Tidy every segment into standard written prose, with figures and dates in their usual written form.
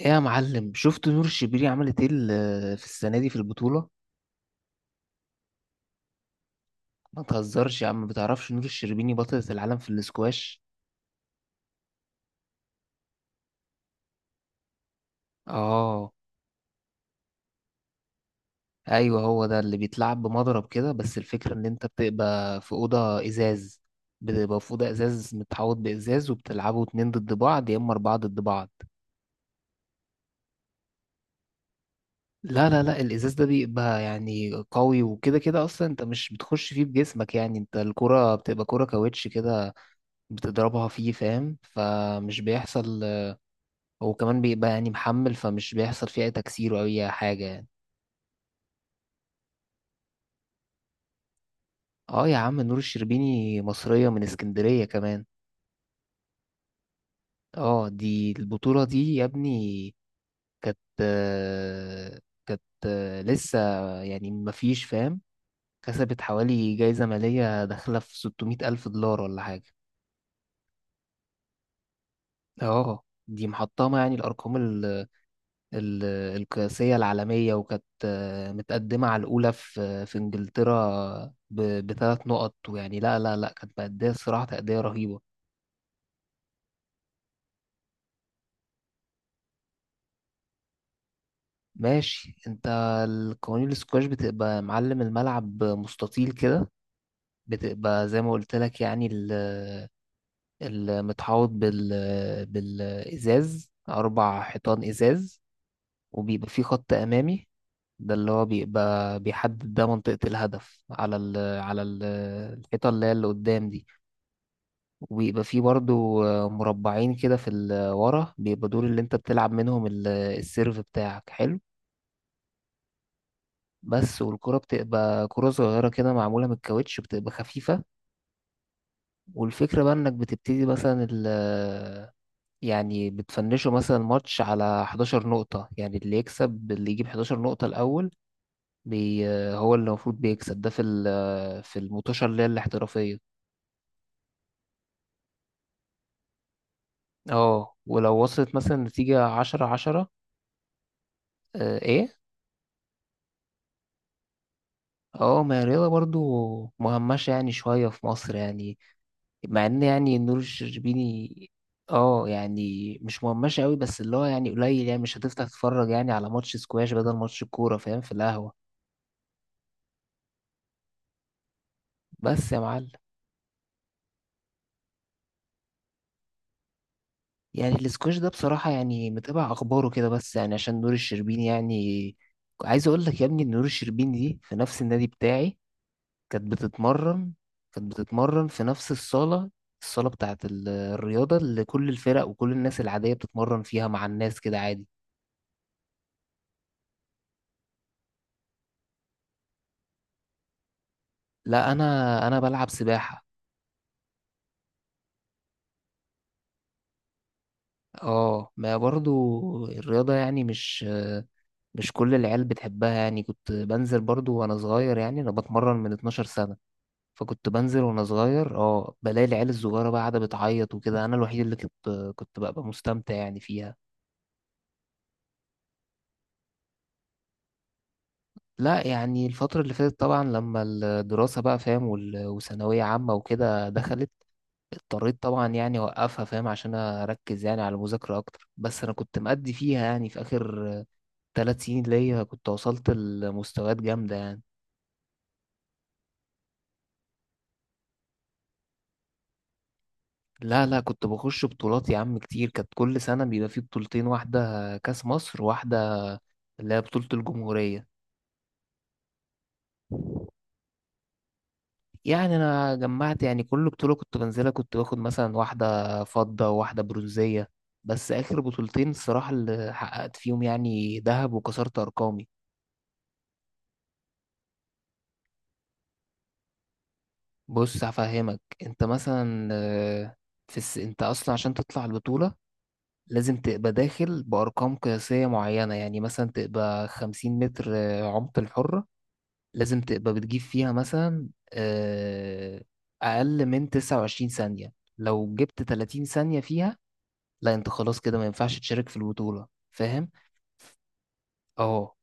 ايه يا معلم؟ شفت نور الشربيني عملت ايه في السنه دي في البطوله؟ ما تهزرش يا عم، ما بتعرفش نور الشربيني بطلة العالم في الاسكواش؟ اه، ايوه هو ده اللي بيتلعب بمضرب كده، بس الفكره ان انت بتبقى في اوضه ازاز، متحوط بازاز، وبتلعبوا اتنين ضد بعض يا اما اربعه ضد بعض. لا، الازاز ده بيبقى يعني قوي، وكده كده اصلا انت مش بتخش فيه بجسمك، يعني انت الكره بتبقى كره كاوتش كده، بتضربها فيه، فاهم؟ فمش بيحصل. وكمان بيبقى يعني محمل، فمش بيحصل فيه أي تكسير أو أي حاجة يعني. اه يا عم، نور الشربيني مصرية من اسكندرية كمان. اه، دي البطولة دي يا ابني كانت لسه يعني مفيش، فاهم؟ كسبت حوالي جايزة مالية داخلة في 600 ألف دولار ولا حاجة. اه، دي محطمة يعني الأرقام ال- القياسية العالمية، وكانت متقدمة على الأولى في في إنجلترا بثلاث نقط، ويعني لا، كانت مأدية الصراحة تأدية رهيبة. ماشي انت. القوانين السكواش بتبقى معلم، الملعب مستطيل كده، بتبقى زي ما قلت لك يعني المتحوط بال بالإزاز، أربع حيطان إزاز، وبيبقى في خط امامي. ده اللي هو بيبقى بيحدد ده منطقة الهدف على على الحيطة اللي هي اللي قدام دي، وبيبقى فيه برضو مربعين كده في ورا، بيبقى دول اللي انت بتلعب منهم السيرف بتاعك، حلو. بس، والكرة بتبقى كرة صغيرة كده، معمولة من الكاوتش، بتبقى خفيفة. والفكرة بقى انك بتبتدي مثلا يعني بتفنشوا مثلا الماتش على 11 نقطة، يعني اللي يكسب اللي يجيب 11 نقطة الأول بي هو اللي المفروض بيكسب ده في في المطوشة اللي هي الاحترافية. اه ولو وصلت مثلا نتيجة عشرة عشرة. آه ايه. اه ما هي الرياضة برضو مهمشة يعني شوية في مصر يعني، مع ان يعني نور الشربيني، اه يعني مش مهمشة قوي، بس اللي هو يعني قليل، يعني مش هتفتح تتفرج يعني على ماتش سكواش بدل ماتش الكورة، فاهم؟ في القهوة. بس يا معلم. يعني الاسكواش ده بصراحة يعني متابع أخباره كده بس يعني عشان نور الشربيني يعني. عايز أقول لك يا ابني إن نور الشربيني دي في نفس النادي بتاعي كانت بتتمرن، في نفس الصالة، الصالة بتاعة الرياضة اللي كل الفرق وكل الناس العادية بتتمرن فيها مع الناس كده عادي. لا أنا بلعب سباحة. اه، ما برضو الرياضة يعني مش، مش كل العيال بتحبها يعني. كنت بنزل برضو وأنا صغير، يعني أنا بتمرن من 12 سنة، فكنت بنزل وانا صغير، اه بلاقي العيال الصغيره بقى قاعده بتعيط وكده، انا الوحيد اللي كنت كنت ببقى مستمتع يعني فيها. لا يعني الفتره اللي فاتت طبعا لما الدراسه بقى، فاهم؟ وثانويه عامه وكده دخلت، اضطريت طبعا يعني اوقفها، فاهم؟ عشان اركز يعني على المذاكره اكتر. بس انا كنت مأدي فيها يعني في اخر ثلاث سنين ليا، كنت وصلت لمستويات جامده يعني. لا، كنت بخش بطولات يا عم كتير، كانت كل سنه بيبقى في بطولتين، واحده كاس مصر، وواحده اللي هي بطوله الجمهوريه. يعني انا جمعت يعني كل بطوله كنت بنزلها كنت باخد مثلا واحده فضه وواحده برونزيه، بس اخر بطولتين الصراحه اللي حققت فيهم يعني ذهب وكسرت ارقامي. بص هفهمك، انت مثلا انت اصلا عشان تطلع البطوله لازم تبقى داخل بارقام قياسيه معينه، يعني مثلا تبقى 50 متر عمق الحره، لازم تبقى بتجيب فيها مثلا اقل من 29 ثانيه. لو جبت 30 ثانيه فيها، لا انت خلاص كده ما ينفعش تشارك في البطولة، فاهم؟ اه.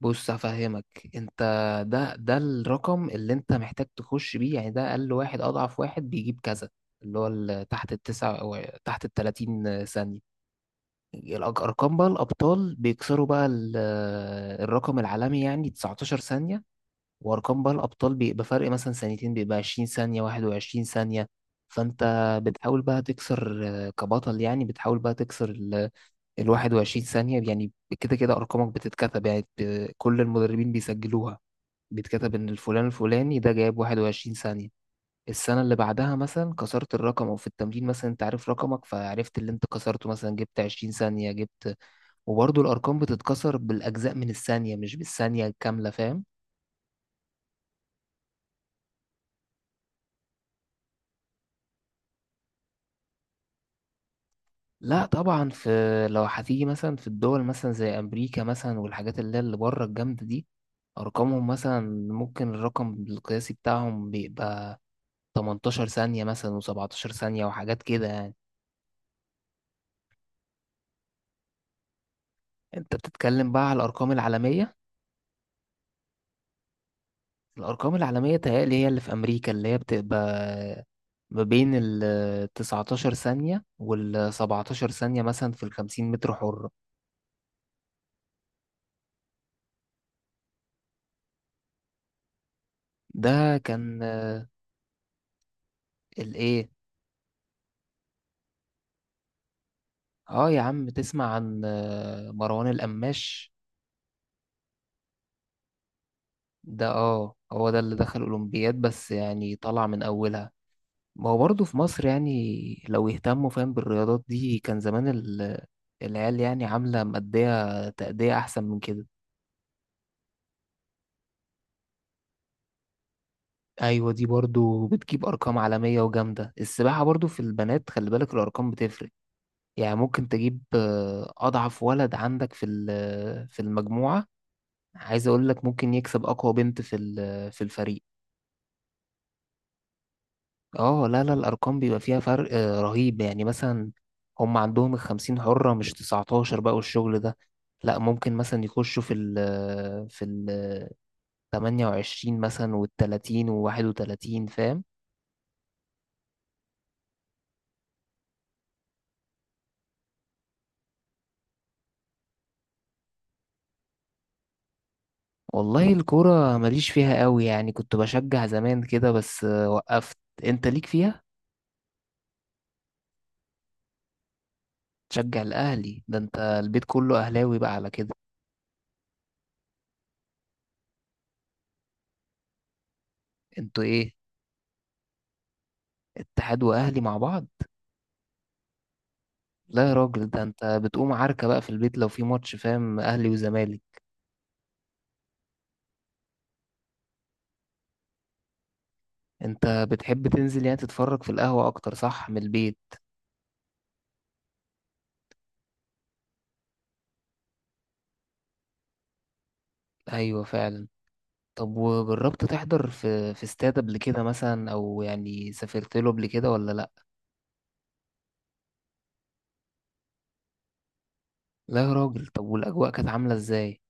بص هفهمك انت، ده الرقم اللي انت محتاج تخش بيه، يعني ده اقل واحد، اضعف واحد بيجيب كذا، اللي هو تحت التسعة او تحت التلاتين ثانية. ارقام بقى الابطال بيكسروا بقى الرقم العالمي يعني 19 ثانية، وارقام بقى الابطال بيبقى فرق مثلا ثانيتين، بيبقى 20 ثانية 21 ثانية. فانت بتحاول بقى تكسر كبطل، يعني بتحاول بقى تكسر ال 21 ثانية يعني. كده كده أرقامك بتتكتب يعني كل المدربين بيسجلوها، بيتكتب إن الفلان الفلاني ده جايب 21 ثانية. السنة اللي بعدها مثلا كسرت الرقم، أو في التمرين مثلا أنت عارف رقمك، فعرفت اللي أنت كسرته، مثلا جبت 20 ثانية جبت. وبرضه الأرقام بتتكسر بالأجزاء من الثانية مش بالثانية الكاملة، فاهم؟ لا طبعا، في، لو هتيجي مثلا في الدول مثلا زي أمريكا مثلا والحاجات اللي هي اللي بره الجامدة دي، أرقامهم مثلا ممكن الرقم القياسي بتاعهم بيبقى 18 ثانية مثلا و17 ثانية وحاجات كده يعني. انت بتتكلم بقى على الأرقام العالمية. الأرقام العالمية تهيألي هي اللي في أمريكا، اللي هي بتبقى ما بين ال 19 ثانية وال 17 ثانية مثلا في ال 50 متر حرة. ده كان. الإيه؟ اه يا عم، تسمع عن مروان القماش؟ ده اه هو ده اللي دخل أولمبياد، بس يعني طلع من أولها. ما هو برضه في مصر يعني لو يهتموا، فاهم؟ بالرياضات دي كان زمان العيال يعني عاملة مأدية تأدية أحسن من كده. أيوة، دي برضو بتجيب أرقام عالمية وجامدة. السباحة برضو في البنات خلي بالك الأرقام بتفرق، يعني ممكن تجيب أضعف ولد عندك في في المجموعة. عايز أقول لك ممكن يكسب أقوى بنت في في الفريق. اه، لا، الأرقام بيبقى فيها فرق رهيب يعني. مثلا هم عندهم الخمسين حرة مش تسعتاشر بقى والشغل ده، لا ممكن مثلا يخشوا في في ال 28 مثلا والتلاتين وواحد وتلاتين، فاهم؟ والله الكورة ماليش فيها قوي، يعني كنت بشجع زمان كده بس وقفت. انت ليك فيها؟ تشجع الأهلي؟ ده انت البيت كله أهلاوي بقى على كده. انتوا ايه؟ اتحاد وأهلي مع بعض؟ لا يا راجل، ده انت بتقوم عركة بقى في البيت لو في ماتش، فاهم؟ أهلي وزمالك. انت بتحب تنزل يعني تتفرج في القهوة أكتر صح من البيت؟ أيوة فعلا. طب وجربت تحضر في في استاد قبل كده مثلا، أو يعني سافرت له قبل كده ولا لأ؟ لا يا راجل، طب والأجواء كانت عاملة ازاي؟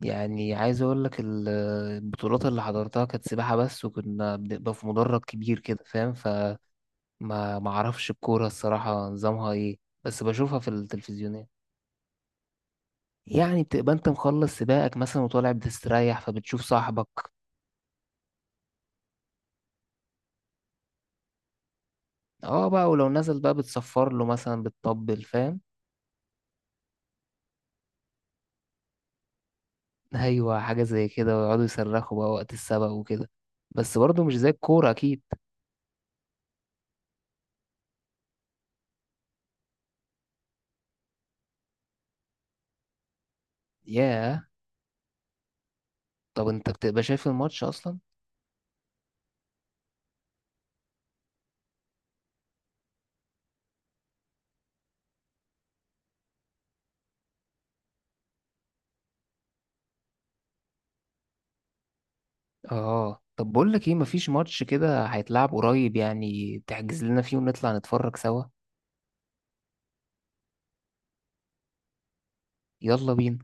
يعني عايز اقول لك البطولات اللي حضرتها كانت سباحة بس، وكنا بنبقى في مدرج كبير كده، فاهم؟ فما ما اعرفش الكورة الصراحة نظامها ايه، بس بشوفها في التلفزيونات. يعني بتبقى انت مخلص سباقك مثلا وطالع بتستريح، فبتشوف صاحبك. اه بقى، ولو نزل بقى بتصفر له مثلا، بتطبل، فاهم؟ ايوه حاجة زي كده، ويقعدوا يصرخوا بقى وقت السبق وكده، بس برضه مش زي الكورة اكيد. ياه. طب انت بتبقى شايف الماتش اصلا؟ اه، طب بقول لك ايه، مفيش ماتش كده هيتلعب قريب يعني تحجز لنا فيه ونطلع نتفرج سوا؟ يلا بينا.